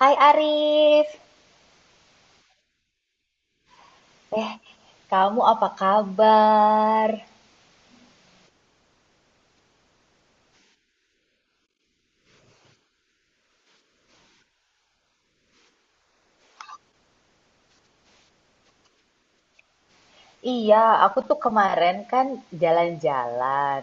Hai Arif, eh kamu apa kabar? Iya, aku tuh kemarin kan jalan-jalan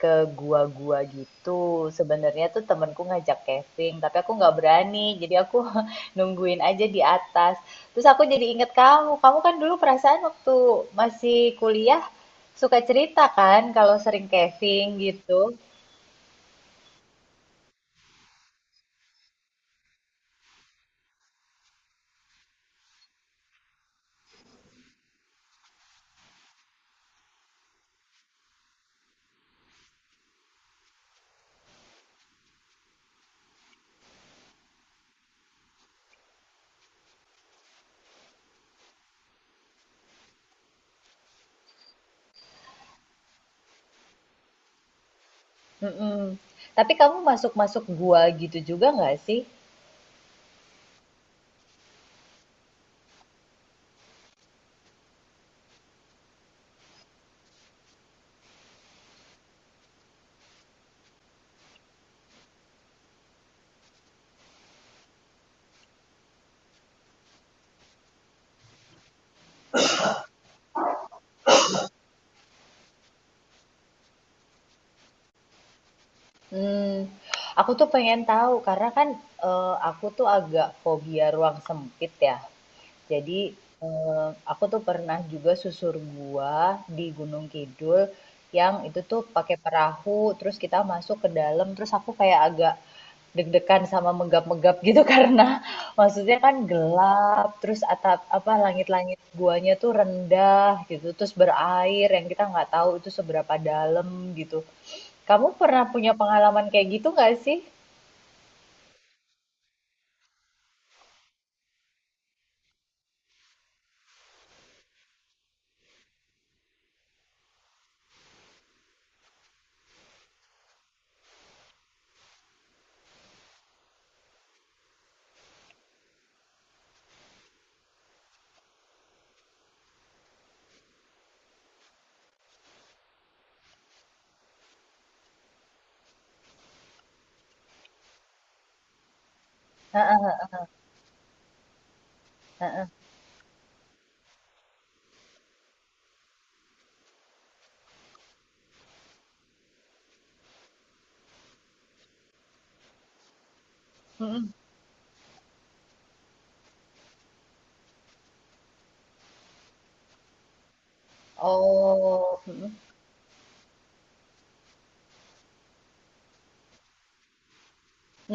ke gua-gua gitu. Sebenarnya tuh temenku ngajak camping, tapi aku nggak berani. Jadi aku nungguin aja di atas. Terus aku jadi inget kamu. Kamu kan dulu perasaan waktu masih kuliah suka cerita kan kalau sering camping gitu. Mm-mm. Tapi kamu masuk-masuk gua gitu juga nggak sih? Hmm, aku tuh pengen tahu karena kan, aku tuh agak fobia ruang sempit ya. Jadi, eee, aku tuh pernah juga susur gua di Gunung Kidul yang itu tuh pakai perahu, terus kita masuk ke dalam, terus aku kayak agak deg-degan sama menggap-menggap gitu karena maksudnya kan gelap, terus atap apa, langit-langit guanya tuh rendah gitu, terus berair yang kita nggak tahu itu seberapa dalam gitu. Kamu pernah punya pengalaman kayak gitu nggak sih? Heeh, heeh, heeh. Mhm. Oh, mhm,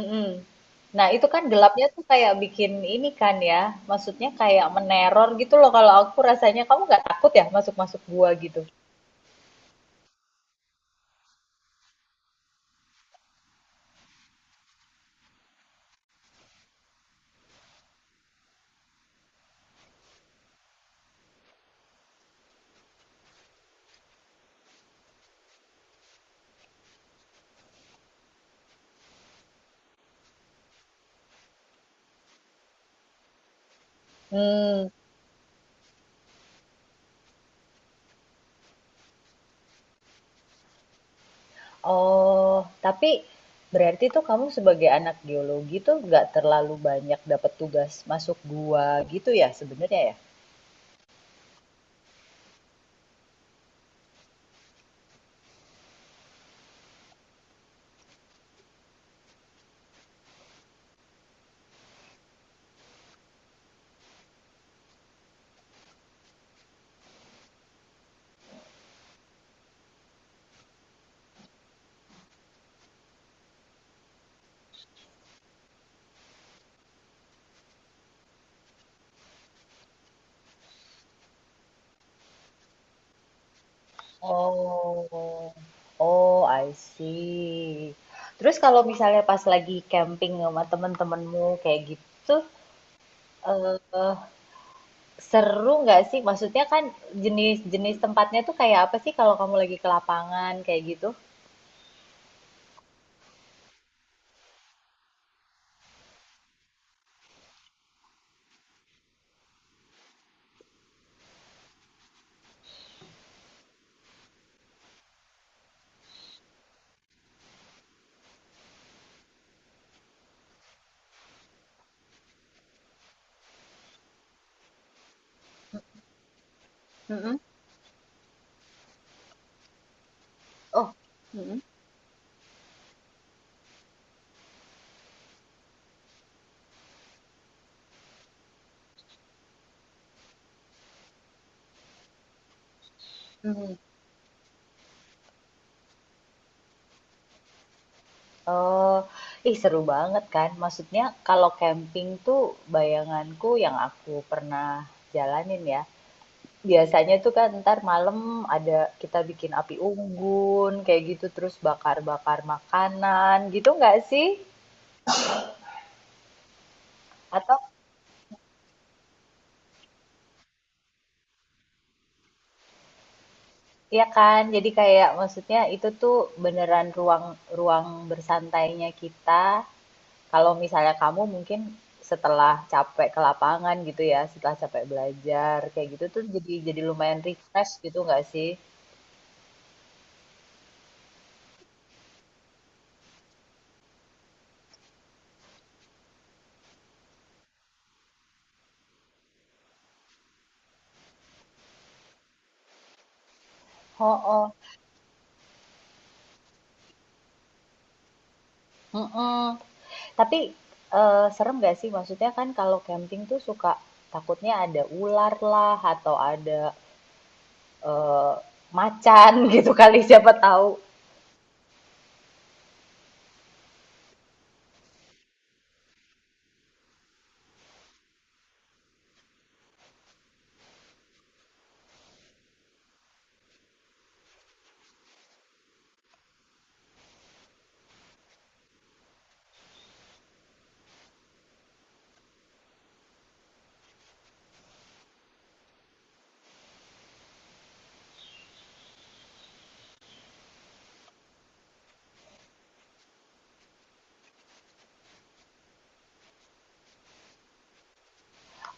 mhm. Nah, itu kan gelapnya tuh kayak bikin ini kan ya, maksudnya kayak meneror gitu loh kalau aku rasanya. Kamu nggak takut ya masuk-masuk gua gitu? Hmm. Oh, tapi berarti tuh kamu sebagai anak geologi tuh nggak terlalu banyak dapat tugas masuk gua gitu ya sebenarnya ya? Oh. Oh, I see. Terus kalau misalnya pas lagi camping sama temen-temenmu kayak gitu, eh seru nggak sih? Maksudnya kan jenis-jenis tempatnya tuh kayak apa sih kalau kamu lagi ke lapangan kayak gitu? Mm-mm. Oh, mm-mm. Mm. Oh, ih seru banget kan? Maksudnya kalau camping tuh bayanganku yang aku pernah jalanin ya, biasanya tuh kan ntar malam ada kita bikin api unggun kayak gitu terus bakar-bakar makanan gitu nggak sih? Atau ya kan? Jadi kayak maksudnya itu tuh beneran ruang ruang bersantainya kita. Kalau misalnya kamu mungkin setelah capek ke lapangan gitu ya, setelah capek belajar kayak gitu tuh jadi lumayan refresh gitu nggak sih? Oh, oh. Mm-mm. Tapi, serem nggak sih? Maksudnya kan kalau camping tuh suka takutnya ada ular lah atau ada, eee, macan gitu kali siapa tahu.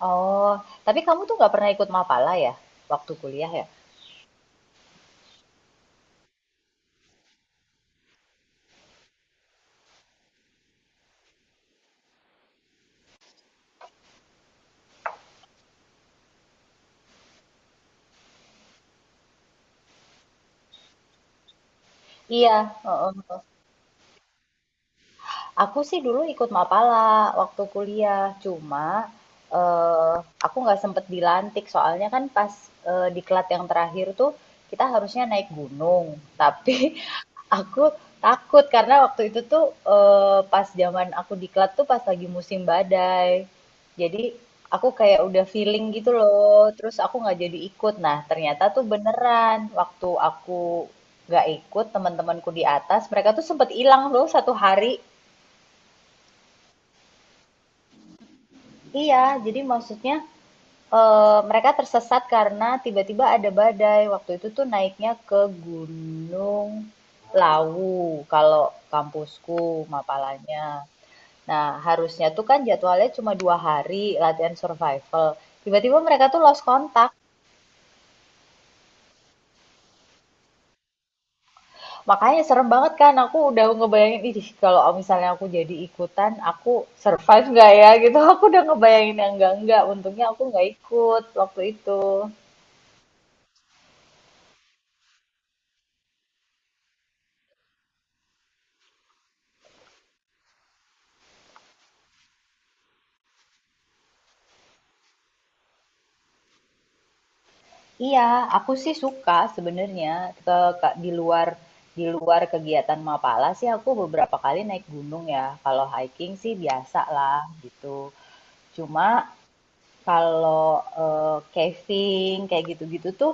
Oh, tapi kamu tuh nggak pernah ikut Mapala ya? Waktu kuliah ya? Iya, heeh. Aku sih dulu ikut Mapala waktu kuliah, cuma, eee, aku nggak sempet dilantik soalnya kan pas, diklat yang terakhir tuh kita harusnya naik gunung, tapi aku takut karena waktu itu tuh, pas zaman aku diklat tuh pas lagi musim badai. Jadi aku kayak udah feeling gitu loh, terus aku nggak jadi ikut. Nah, ternyata tuh beneran waktu aku nggak ikut, teman-temanku di atas mereka tuh sempet hilang loh satu hari. Iya, jadi maksudnya, mereka tersesat karena tiba-tiba ada badai. Waktu itu tuh naiknya ke Gunung Lawu kalau kampusku Mapalanya. Nah, harusnya tuh kan jadwalnya cuma 2 hari latihan survival. Tiba-tiba mereka tuh lost kontak. Makanya serem banget kan. Aku udah ngebayangin, ih kalau misalnya aku jadi ikutan, aku survive nggak ya gitu. Aku udah ngebayangin yang enggak-enggak. Untungnya aku nggak ikut waktu itu. Iya, aku sih suka sebenarnya ke, ke- di luar di luar kegiatan Mapala sih aku beberapa kali naik gunung ya. Kalau hiking sih biasa lah gitu. Cuma kalau casing kayak gitu-gitu tuh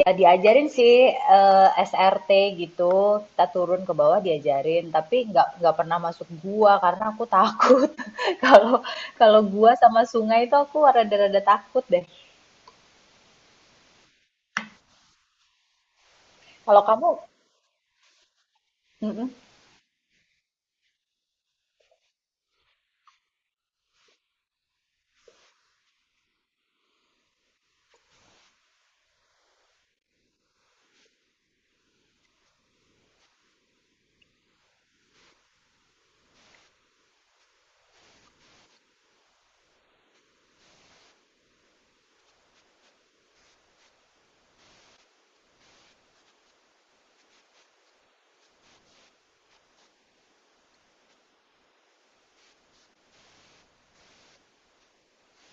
ya diajarin sih SRT gitu kita turun ke bawah diajarin tapi nggak pernah masuk gua karena aku takut. kalau kalau gua sama sungai itu aku rada-rada takut deh. Kalau kamu. Mm-mm.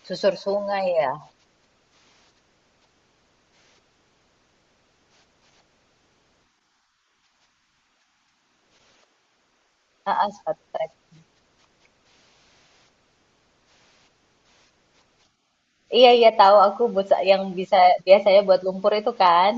Susur sungai ya. Ah, ah, sepatu trek. Iya, iya, tahu aku buat yang bisa biasanya buat lumpur itu kan.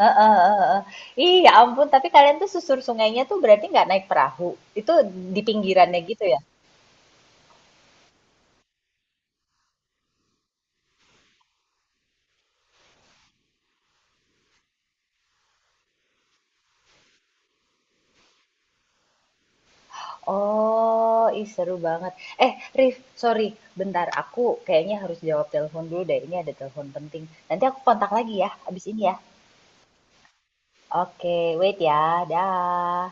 Heeh, heeh, heeh. Ih, ya ampun, tapi kalian tuh susur sungainya tuh berarti nggak naik perahu. Itu di pinggirannya gitu ya? Oh, ih seru banget. Eh, Rif, sorry, bentar. Aku kayaknya harus jawab telepon dulu deh. Ini ada telepon penting. Nanti aku kontak lagi ya, abis ini ya. Oke, wait ya. Dah.